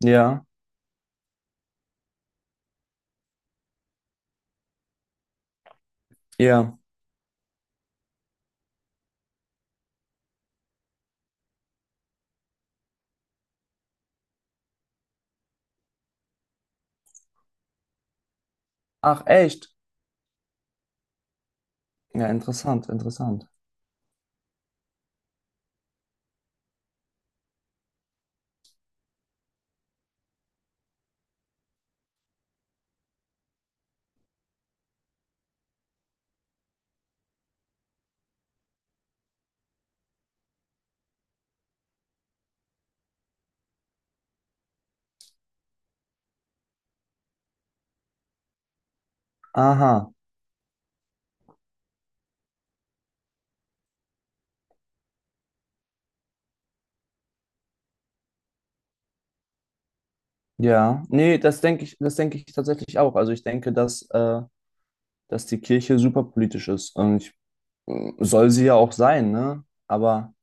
Ja, ja. Ach, echt? Ja, interessant, interessant. Aha, ja. Nee, das denke ich tatsächlich auch. Also ich denke, dass, dass die Kirche super politisch ist. Soll sie ja auch sein, ne? Aber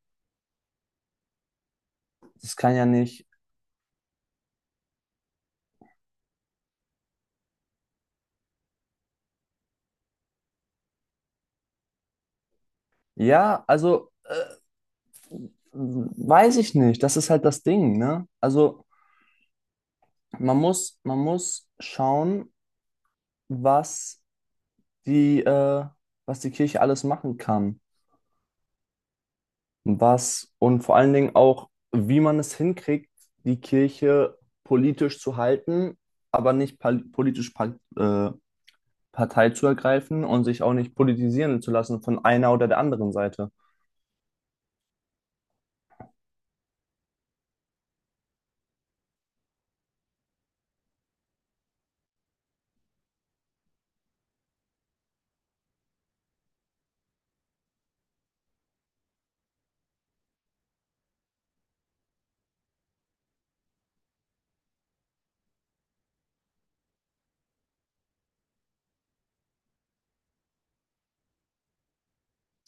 das kann ja nicht. Ja, also weiß ich nicht. Das ist halt das Ding, ne? Also man muss schauen, was die, äh, was die Kirche alles machen kann. Was und vor allen Dingen auch, wie man es hinkriegt, die Kirche politisch zu halten, aber nicht politisch Partei zu ergreifen und sich auch nicht politisieren zu lassen von einer oder der anderen Seite.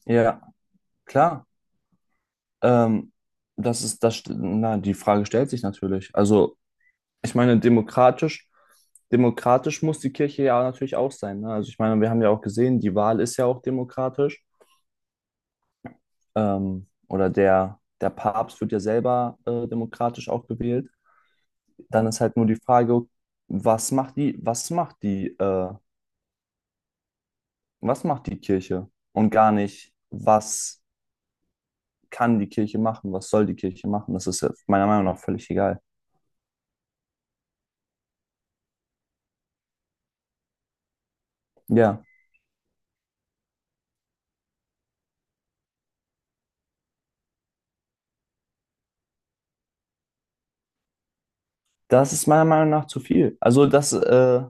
Ja, klar. Ähm, das ist das, na, die Frage stellt sich natürlich. Also, ich meine, demokratisch muss die Kirche ja natürlich auch sein. Ne? Also, ich meine, wir haben ja auch gesehen, die Wahl ist ja auch demokratisch. Oder der Papst wird ja selber demokratisch auch gewählt. Dann ist halt nur die Frage, was macht was macht die Kirche? Und gar nicht, was kann die Kirche machen, was soll die Kirche machen? Das ist ja meiner Meinung nach völlig egal. Ja, das ist meiner Meinung nach zu viel. Also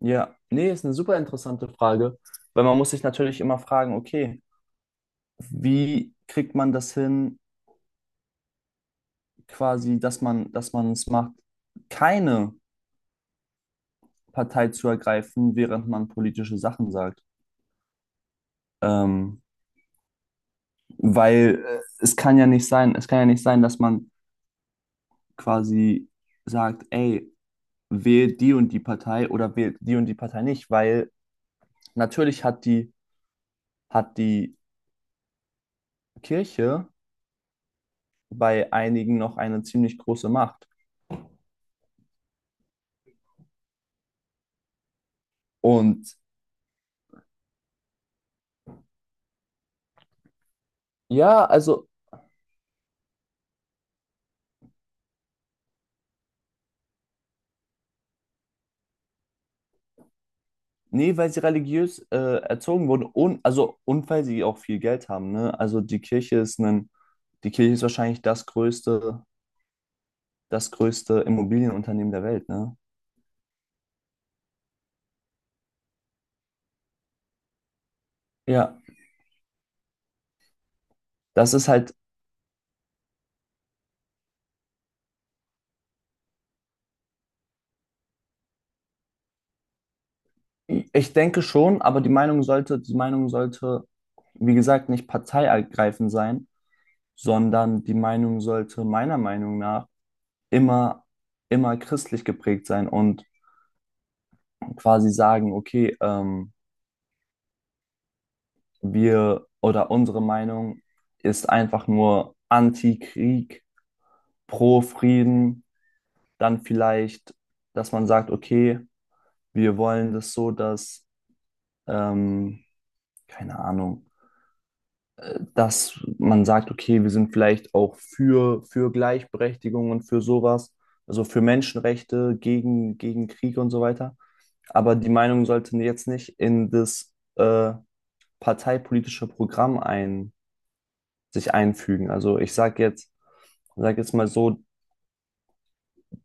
ja, nee, ist eine super interessante Frage, weil man muss sich natürlich immer fragen, okay, wie kriegt man das hin, quasi, dass man es macht, keine Partei zu ergreifen, während man politische Sachen sagt. Ähm, weil es kann ja nicht sein, es kann ja nicht sein, dass man quasi sagt, ey, wählt die und die Partei oder wählt die und die Partei nicht, weil natürlich hat die Kirche bei einigen noch eine ziemlich große Macht. Und ja, also, nee, weil sie religiös erzogen wurden und, also, und weil sie auch viel Geld haben, ne? Die Kirche ist wahrscheinlich das größte Immobilienunternehmen der Welt, ne? Ja, das ist halt, ich denke schon, aber die Meinung sollte, wie gesagt, nicht parteiergreifend sein, sondern die Meinung sollte meiner Meinung nach immer, immer christlich geprägt sein und quasi sagen, okay, wir oder unsere Meinung ist einfach nur Anti-Krieg, Pro-Frieden, dann vielleicht, dass man sagt, okay, wir wollen das so, dass ähm, keine Ahnung, dass man sagt, okay, wir sind vielleicht auch für, Gleichberechtigung und für sowas, also für Menschenrechte, gegen, gegen Krieg und so weiter. Aber die Meinung sollte jetzt nicht in das parteipolitische Programm ein, sich einfügen. Also sag jetzt mal so,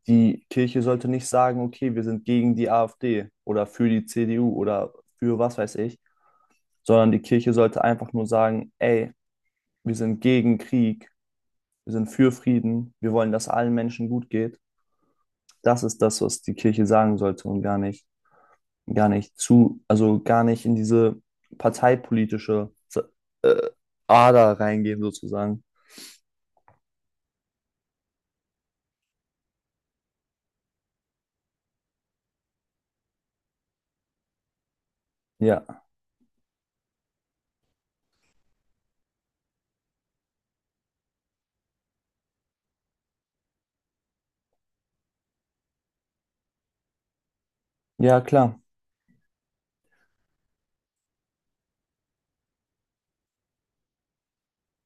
die Kirche sollte nicht sagen, okay, wir sind gegen die AfD oder für die CDU oder für was weiß ich, sondern die Kirche sollte einfach nur sagen, ey, wir sind gegen Krieg, wir sind für Frieden, wir wollen, dass allen Menschen gut geht. Das ist das, was die Kirche sagen sollte und gar nicht zu, also gar nicht in diese parteipolitische äh, Ader reingehen sozusagen. Ja, ja, klar.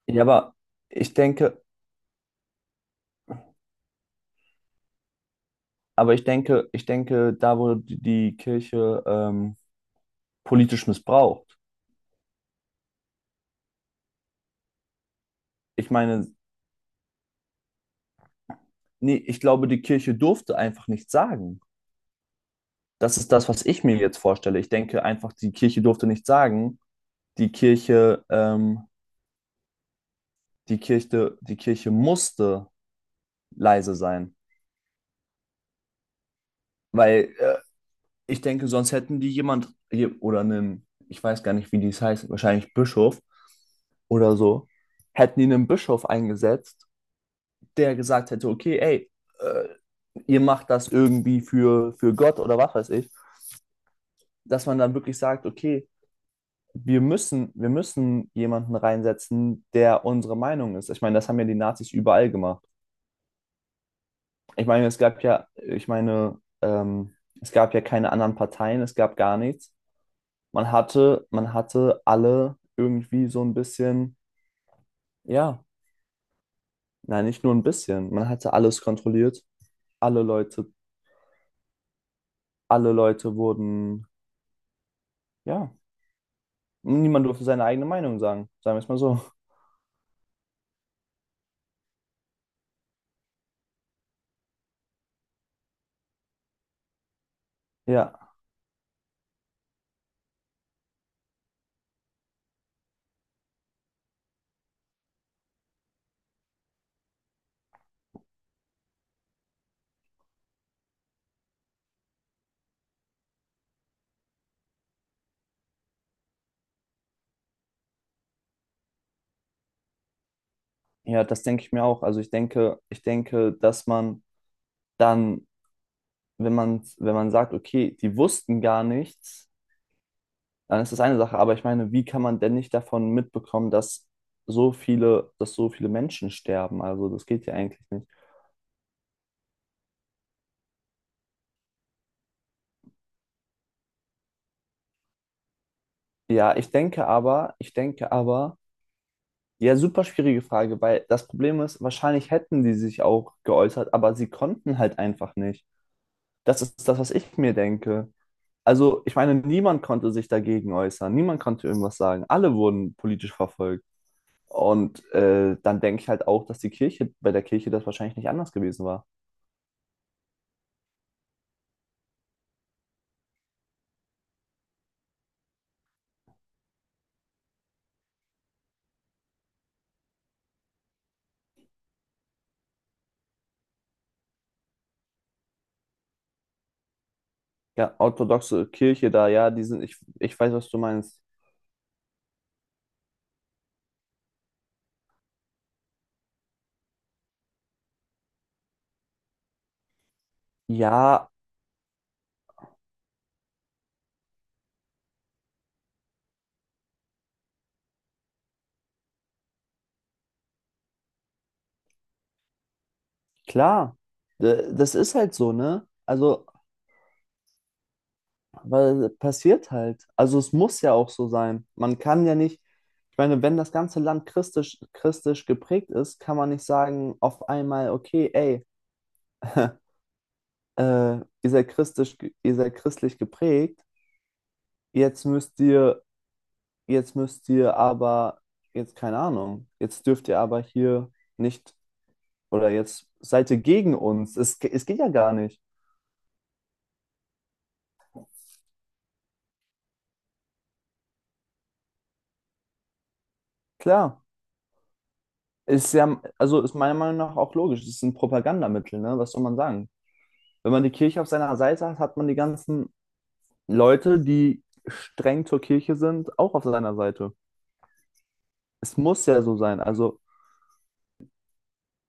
Ja, aber ich denke, aber ich denke, da wurde die Kirche politisch missbraucht. Ich meine, nee, ich glaube, die Kirche durfte einfach nichts sagen. Das ist das, was ich mir jetzt vorstelle. Ich denke einfach, die Kirche durfte nichts sagen, die Kirche, ähm, die Kirche musste leise sein, weil ich denke, sonst hätten die jemand oder einen, ich weiß gar nicht, wie dies heißt, wahrscheinlich Bischof oder so, hätten die einen Bischof eingesetzt, der gesagt hätte, okay, ey, äh, ihr macht das irgendwie für Gott oder was weiß ich, dass man dann wirklich sagt, okay, wir müssen jemanden reinsetzen, der unsere Meinung ist. Ich meine, das haben ja die Nazis überall gemacht. Ich meine, es gab ja, ich meine, es gab ja keine anderen Parteien, es gab gar nichts. Man hatte alle irgendwie so ein bisschen, ja, nein, nicht nur ein bisschen, man hatte alles kontrolliert. Alle Leute, alle Leute wurden, ja, niemand durfte seine eigene Meinung sagen, sagen wir es mal so. Ja, ja, das denke ich mir auch. Also ich denke, dass man dann, wenn man sagt, okay, die wussten gar nichts, dann ist das eine Sache. Aber ich meine, wie kann man denn nicht davon mitbekommen, dass dass so viele Menschen sterben? Also das geht ja eigentlich nicht. Ja, ich denke aber, ja, super schwierige Frage, weil das Problem ist, wahrscheinlich hätten die sich auch geäußert, aber sie konnten halt einfach nicht. Das ist das, was ich mir denke. Also, ich meine, niemand konnte sich dagegen äußern, niemand konnte irgendwas sagen. Alle wurden politisch verfolgt. Und dann denke ich halt auch, dass die Kirche, bei der Kirche das wahrscheinlich nicht anders gewesen war. Ja, orthodoxe Kirche da, ja, die sind, ich weiß, was du meinst. Ja, klar, das ist halt so, ne? Also, weil passiert halt. Also, es muss ja auch so sein. Man kann ja nicht, ich meine, wenn das ganze Land christlich geprägt ist, kann man nicht sagen, auf einmal, okay, ey, äh, ihr seid christlich, ihr seid christlich geprägt, jetzt müsst ihr, jetzt müsst ihr aber, jetzt keine Ahnung, jetzt dürft ihr aber hier nicht. Oder jetzt seid ihr gegen uns. Es geht ja gar nicht. Klar. Ist ja, also ist meiner Meinung nach auch logisch. Es ist ein Propagandamittel, ne? Was soll man sagen? Wenn man die Kirche auf seiner Seite hat, hat man die ganzen Leute, die streng zur Kirche sind, auch auf seiner Seite. Es muss ja so sein. Also